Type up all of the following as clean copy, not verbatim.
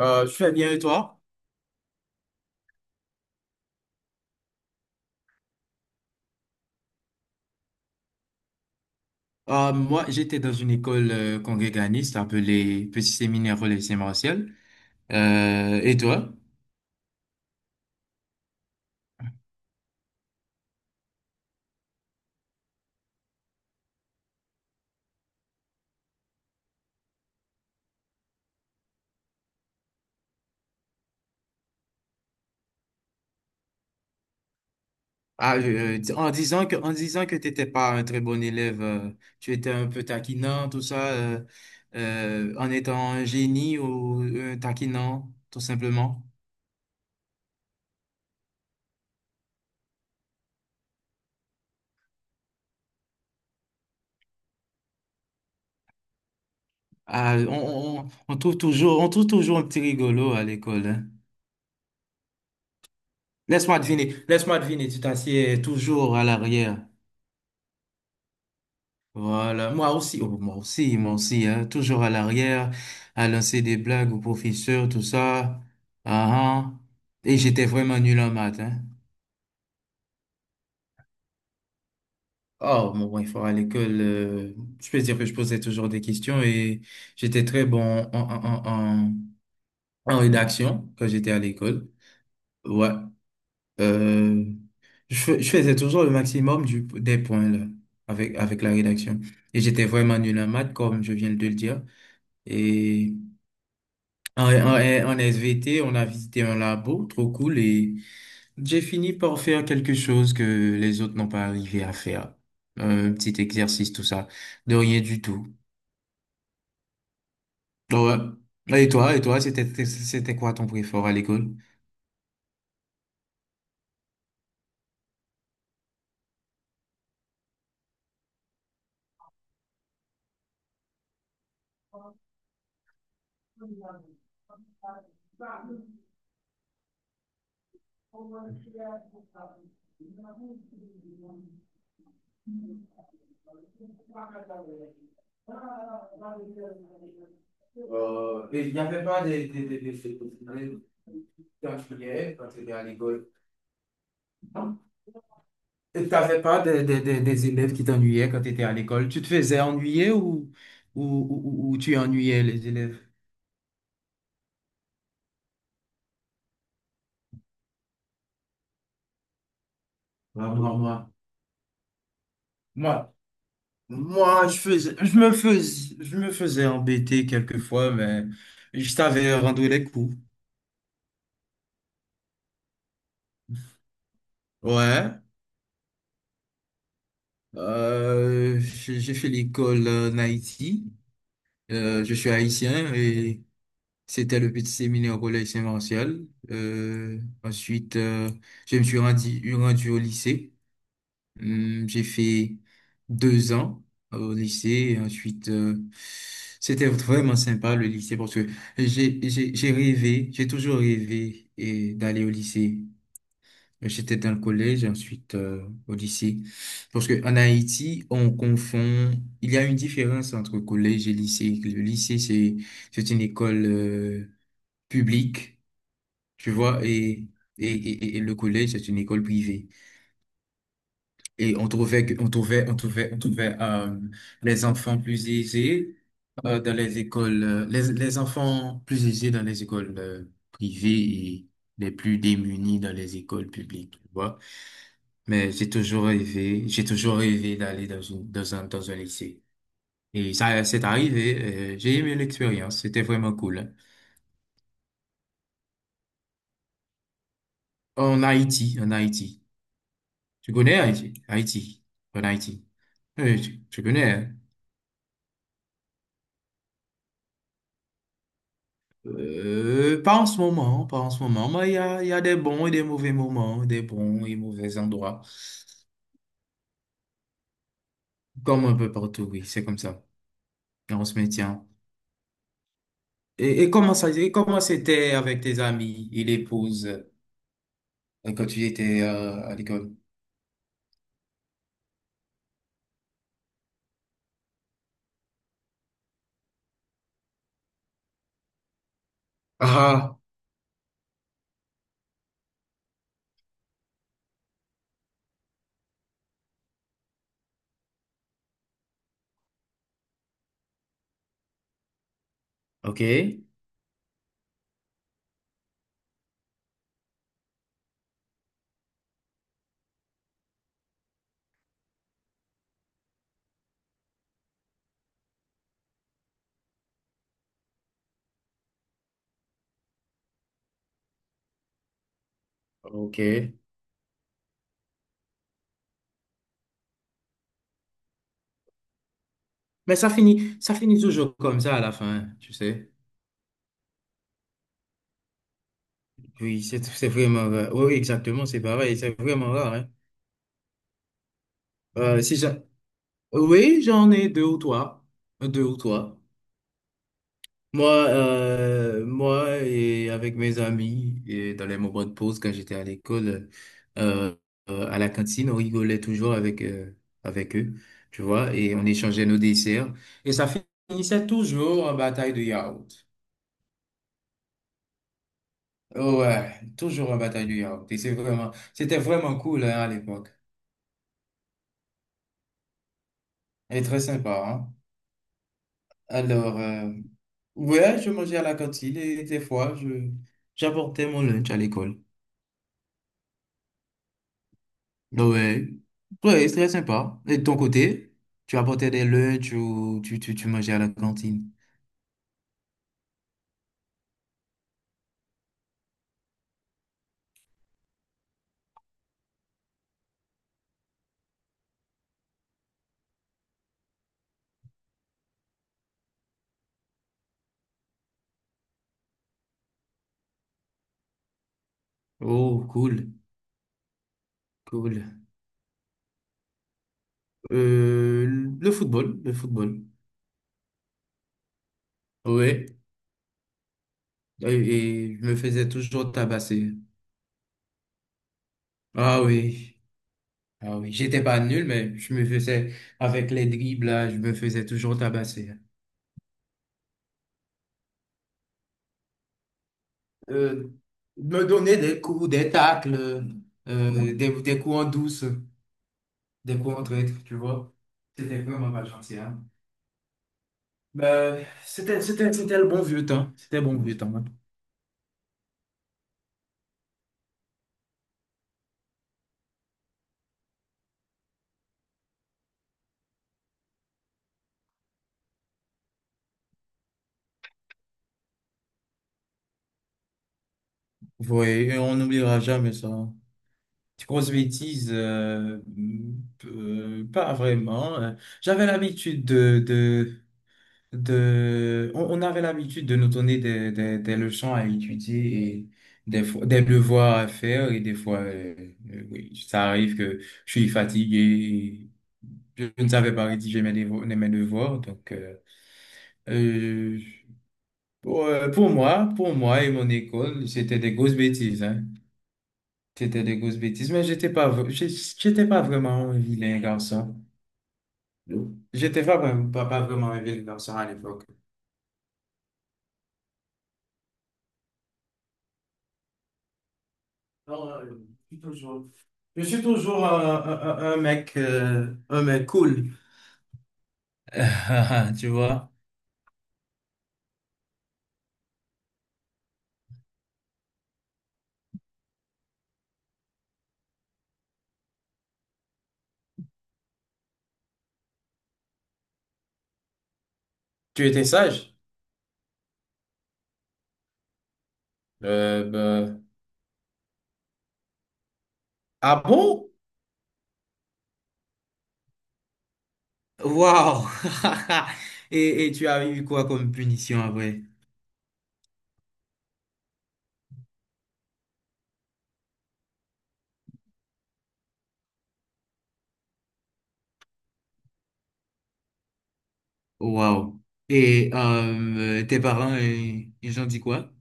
Je fais bien, et toi? Moi, j'étais dans une école congréganiste appelée Petit Séminaire Relais martial. Et toi? En disant que tu n'étais pas un très bon élève, tu étais un peu taquinant, tout ça, en étant un génie ou un taquinant, tout simplement. Ah, on trouve toujours, on trouve toujours un petit rigolo à l'école, hein. Laisse-moi deviner, tu t'assieds toujours à l'arrière. Voilà, moi aussi, oh, moi aussi, hein, toujours à l'arrière, à lancer des blagues aux professeurs, tout ça. Ah, ah. Et j'étais vraiment nul en maths, hein. Oh, mon bon, il faut à l'école, je peux dire que je posais toujours des questions, et j'étais très bon en, en, en, en, en rédaction quand j'étais à l'école. Ouais, euh, je faisais toujours le maximum des points, là, avec la rédaction. Et j'étais vraiment nul en maths, comme je viens de le dire. et En SVT, on a visité un labo, trop cool, et j'ai fini par faire quelque chose que les autres n'ont pas arrivé à faire. Un petit exercice tout ça, de rien du tout. Et toi, c'était c'était quoi ton préféré à l'école? Il n'y avait pas de spécialités parce qu'à l'école. Et t'avais pas des élèves qui t'ennuyaient quand tu étais à l'école? Tu te faisais ennuyer ou, ou tu ennuyais les élèves? Ah, moi, moi, moi, Moi, je me faisais embêter quelquefois, mais je savais rendre les coups. Ouais. J'ai fait l'école en Haïti. Je suis haïtien, et c'était le petit séminaire au collège Saint-Martial. Euh, ensuite, euh, je me suis rendu au lycée. J'ai fait deux ans au lycée, et ensuite c'était vraiment sympa le lycée parce que j'ai toujours rêvé et d'aller au lycée. J'étais dans le collège ensuite au lycée parce que en Haïti on confond, il y a une différence entre collège et lycée. Le lycée c'est une école publique, tu vois, et et le collège c'est une école privée. Et on trouvait, on trouvait, on trouvait, les enfants plus aisés dans les écoles, les enfants plus aisés dans les écoles privées, et les plus démunis dans les écoles publiques, tu vois. Mais j'ai toujours rêvé d'aller dans une, dans un lycée. Et ça, c'est arrivé. J'ai aimé l'expérience. C'était vraiment cool, hein. En Haïti, en Haïti. Tu connais Haïti? Haïti. En Haïti. Oui, tu connais, hein? Pas en ce moment, pas en ce moment, mais il y a des bons et des mauvais moments, des bons et mauvais endroits, comme un peu partout, oui, c'est comme ça. Et on se maintient. Et comment c'était avec tes amis et l'épouse quand tu étais à l'école? Ah, ah, ok, ok. Mais ça finit toujours comme ça à la fin, tu sais. Oui, c'est vraiment rare. Oui, oui, exactement, c'est pareil, c'est vraiment rare, hein. Si j'a- Oui, j'en ai deux ou trois, deux ou trois. Moi, moi, et avec mes amis, et dans les moments de pause quand j'étais à l'école, euh, à la cantine, on rigolait toujours avec, avec eux, tu vois, et on échangeait nos desserts. Et ça finissait toujours en bataille de yaourt. Ouais, toujours en bataille de yaourt. C'était vraiment cool, hein, à l'époque. Et très sympa, hein. Alors, ouais, je mangeais à la cantine, et des fois, j'apportais mon lunch à l'école. Donc, ouais, ouais, c'est très sympa. Et de ton côté, tu apportais des lunchs ou tu mangeais à la cantine? Oh, cool, cool. Euh, le football, le football. Ouais, et, et je me faisais toujours tabasser. Ah oui, ah oui, j'étais pas nul, mais je me faisais, avec les dribbles, là, je me faisais toujours tabasser. Euh, Me donner des coups, des tacles, des coups en douce, des coups en traître, tu vois. C'était vraiment pas gentil, hein. C'était le bon vieux temps. C'était le bon vieux temps, hein. Oui, et on n'oubliera jamais ça. Des grosses bêtises, pas vraiment, hein. J'avais l'habitude de, On avait l'habitude de nous donner des leçons à étudier, et des fois, des devoirs à faire. Et des fois, oui, ça arrive que je suis fatigué. Je ne savais pas rédiger mes devoirs, donc euh, pour moi et mon école, c'était des grosses bêtises, hein. C'était des grosses bêtises, mais j'étais pas vraiment un vilain garçon. J'étais pas vraiment un vilain garçon à l'époque. Non, je suis toujours un mec cool. Tu vois? Tu étais sage? Euh, ben, ah bon? Waouh! Et tu as eu quoi comme punition après? Waouh. Et tes parents, ils ont dit quoi?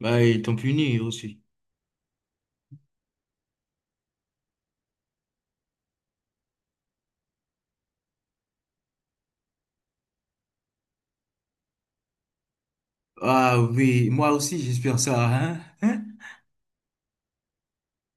Bah, ils t'ont puni aussi. Ah oui, moi aussi, j'espère ça, hein? Hein?